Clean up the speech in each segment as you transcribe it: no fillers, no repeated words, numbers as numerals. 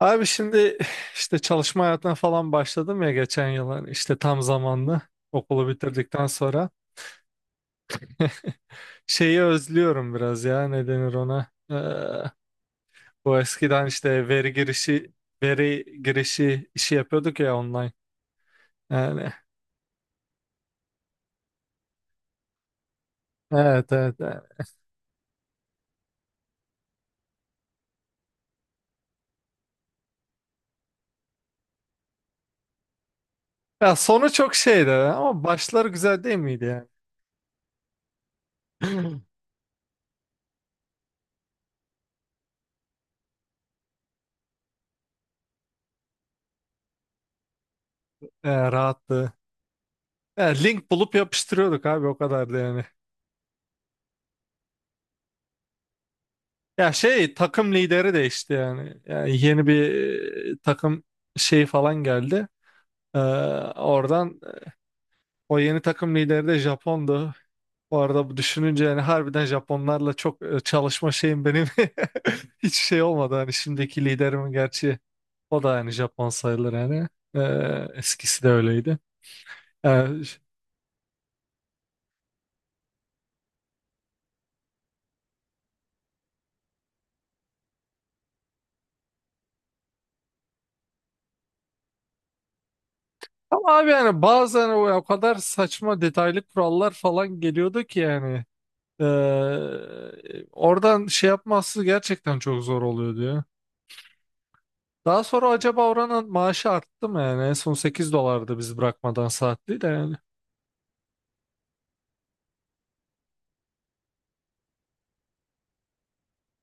Abi şimdi işte çalışma hayatına falan başladım ya, geçen yıl hani işte tam zamanlı okulu bitirdikten sonra. Şeyi özlüyorum biraz ya, ne denir ona? Bu eskiden işte veri girişi, veri girişi işi yapıyorduk ya, online yani. Evet, evet, evet. Ya sonu çok şeydi ama başları güzel değil miydi yani? Ya rahattı. Ya link bulup yapıştırıyorduk abi, o kadardı yani. Ya şey, takım lideri değişti yani. Yani yeni bir takım şeyi falan geldi. Ee, Oradan o yeni takım lideri de Japon'du. Bu arada bu düşününce yani harbiden Japonlarla çok çalışma şeyim benim hiç şey olmadı. Hani şimdiki liderimin gerçi o da yani Japon sayılır yani. Eskisi de öyleydi. Ee, ş- Ama abi yani bazen o kadar saçma detaylı kurallar falan geliyordu ki yani. Oradan şey yapması gerçekten çok zor oluyor diyor. Daha sonra acaba oranın maaşı arttı mı yani? En son 8 dolardı biz bırakmadan, saatli de yani.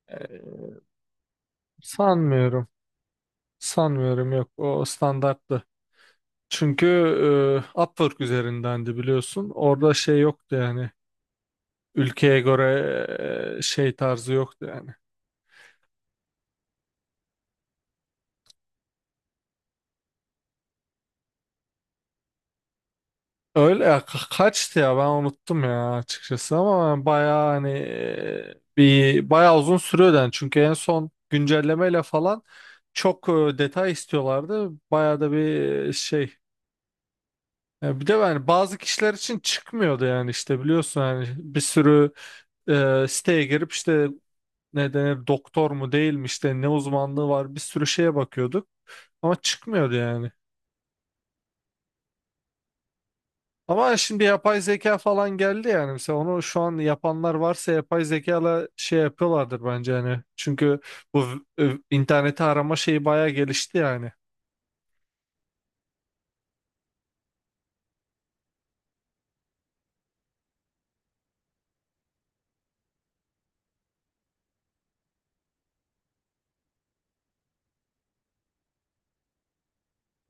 Ee, Sanmıyorum. Sanmıyorum, yok, o standarttı. Çünkü Upwork üzerindendi biliyorsun. Orada şey yoktu yani. Ülkeye göre şey tarzı yoktu yani. Öyle ya, kaçtı ya, ben unuttum ya açıkçası, ama bayağı hani bir bayağı uzun sürüyordu yani. Çünkü en son güncellemeyle falan çok detay istiyorlardı, bayağı da bir e, şey ya bir de yani bazı kişiler için çıkmıyordu yani, işte biliyorsun yani bir sürü siteye girip, işte ne denir, doktor mu değil mi, işte ne uzmanlığı var, bir sürü şeye bakıyorduk ama çıkmıyordu yani. Ama şimdi yapay zeka falan geldi yani. Mesela onu şu an yapanlar varsa yapay zekayla şey yapıyorlardır bence hani. Çünkü bu interneti arama şeyi bayağı gelişti yani.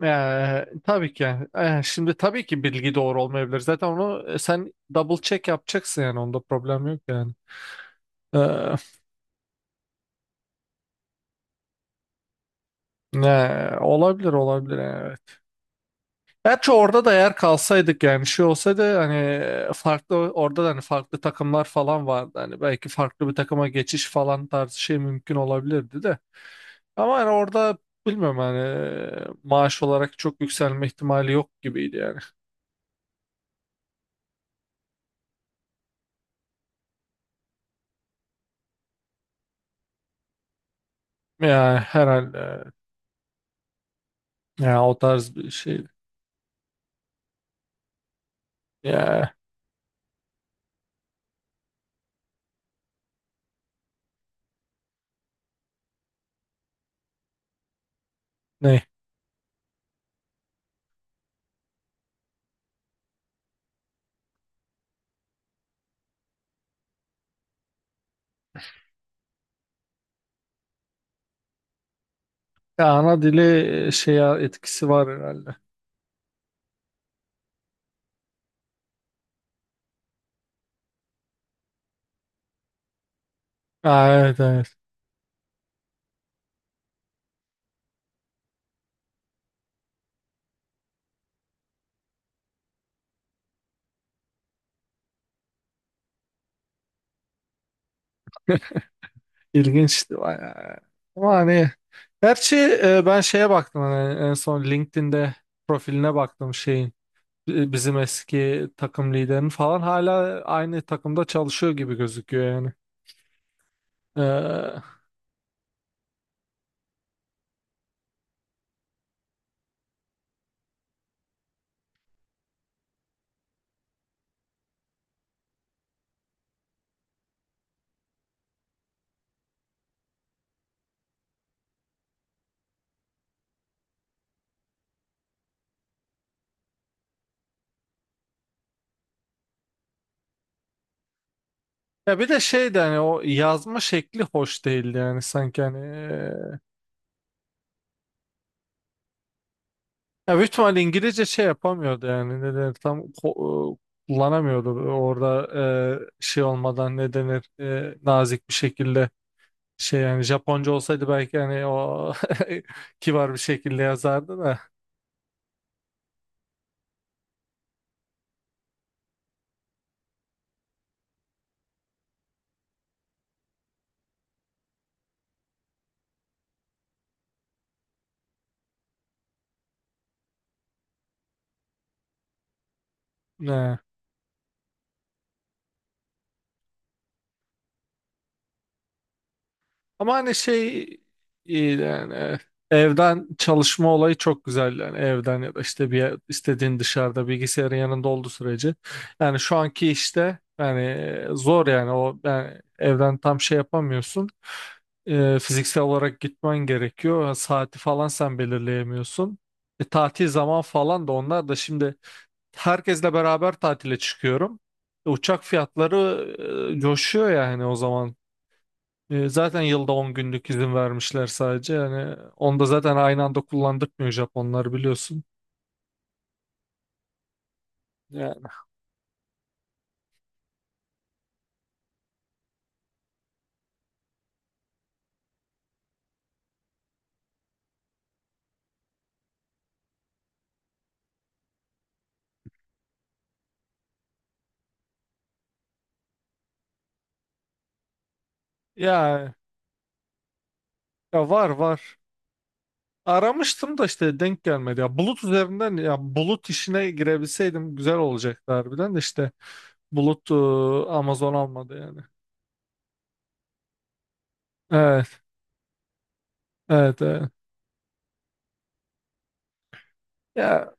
Tabii ki yani. Şimdi tabii ki bilgi doğru olmayabilir. Zaten onu sen double check yapacaksın yani. Onda problem yok yani. Ee, olabilir, olabilir yani, evet. Gerçi orada da eğer kalsaydık yani, şey olsaydı hani, farklı, orada da hani farklı takımlar falan vardı. Hani belki farklı bir takıma geçiş falan tarzı şey mümkün olabilirdi de. Ama hani orada bilmiyorum, hani maaş olarak çok yükselme ihtimali yok gibiydi yani. Ya herhalde ya o tarz bir şey. Ya ne? Ya ana dili şeye etkisi var herhalde. Ha, evet evet. İlginçti bayağı. Ama hani, gerçi ben şeye baktım, hani en son LinkedIn'de profiline baktım şeyin, bizim eski takım liderinin falan hala aynı takımda çalışıyor gibi gözüküyor yani. E, ya bir de şey de hani o yazma şekli hoş değildi yani, sanki hani ya büyük ihtimal İngilizce şey yapamıyordu yani, ne denir, tam kullanamıyordu orada şey olmadan, ne denir, nazik bir şekilde şey yani. Japonca olsaydı belki hani o kibar bir şekilde yazardı da. Ne? Ama hani şey, iyi yani evden çalışma olayı çok güzel yani, evden ya da işte bir istediğin dışarıda, bilgisayarın yanında olduğu sürece. Yani şu anki işte yani zor yani, o yani evden tam şey yapamıyorsun. Fiziksel olarak gitmen gerekiyor, saati falan sen belirleyemiyorsun. Tatil zaman falan da, onlar da şimdi herkesle beraber tatile çıkıyorum, uçak fiyatları coşuyor yani o zaman. Zaten yılda 10 günlük izin vermişler sadece. Yani onu da zaten aynı anda kullandırmıyor Japonlar biliyorsun. Yani ya, ya var, var. Aramıştım da işte denk gelmedi. Ya bulut üzerinden, ya bulut işine girebilseydim güzel olacaktı harbiden de, işte bulut, Amazon almadı yani. Evet, evet, evet. Ya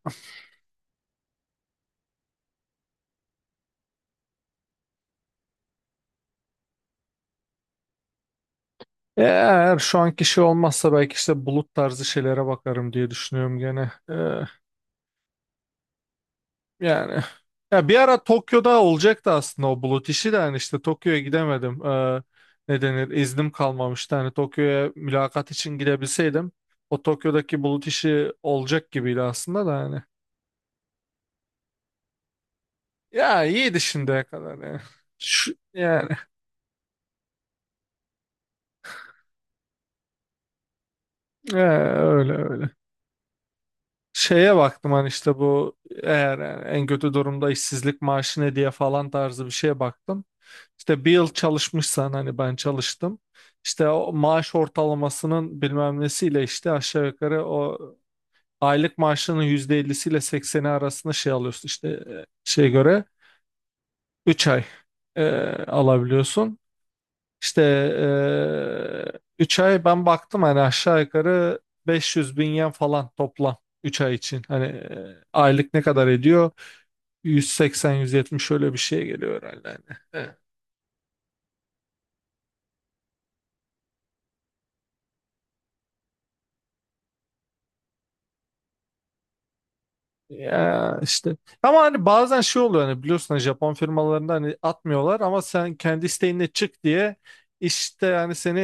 eğer şu anki şey olmazsa belki işte bulut tarzı şeylere bakarım diye düşünüyorum gene. Yani ya bir ara Tokyo'da olacaktı aslında o bulut işi de, hani işte Tokyo'ya gidemedim. Ne denir? İznim kalmamıştı. Hani Tokyo'ya mülakat için gidebilseydim o Tokyo'daki bulut işi olacak gibiydi aslında da hani. Ya iyiydi şimdiye kadar yani. Şu, yani öyle öyle. Şeye baktım hani işte bu, eğer yani en kötü durumda işsizlik maaşı ne diye falan tarzı bir şeye baktım. İşte 1 yıl çalışmışsan, hani ben çalıştım. İşte o maaş ortalamasının bilmem nesiyle, işte aşağı yukarı o aylık maaşının %50'siyle sekseni arasında şey alıyorsun, işte şeye göre 3 ay e, alabiliyorsun. İşte 3 ay ben baktım hani aşağı yukarı 500 bin yen falan toplam 3 ay için. Hani aylık ne kadar ediyor? 180-170 öyle bir şey geliyor herhalde hani. E, Ya işte ama hani bazen şey oluyor, hani biliyorsun hani Japon firmalarında hani atmıyorlar ama sen kendi isteğinle çık diye işte yani seni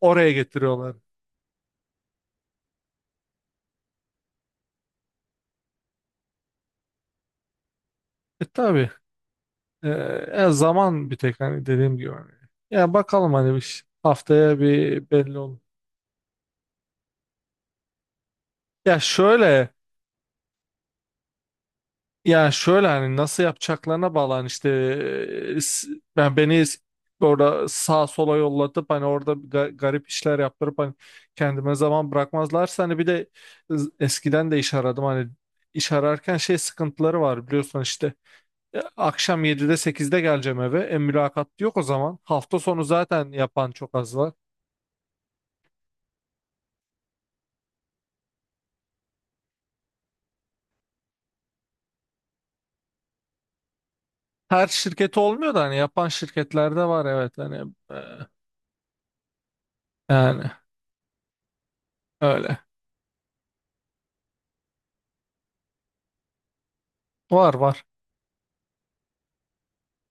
oraya getiriyorlar. E tabii, E, zaman bir tek hani, dediğim gibi hani. Ya bakalım hani bir haftaya bir belli olur. Ya şöyle, ya şöyle hani nasıl yapacaklarına bağlı hani, işte e, s- ben orada sağa sola yollatıp, hani orada garip işler yaptırıp hani kendime zaman bırakmazlarsa hani, bir de eskiden de iş aradım hani, iş ararken şey sıkıntıları var biliyorsun hani, işte akşam 7'de 8'de geleceğim eve, mülakat yok o zaman, hafta sonu zaten yapan çok az var. Her şirket olmuyor da hani yapan şirketlerde var evet hani, yani öyle, var var.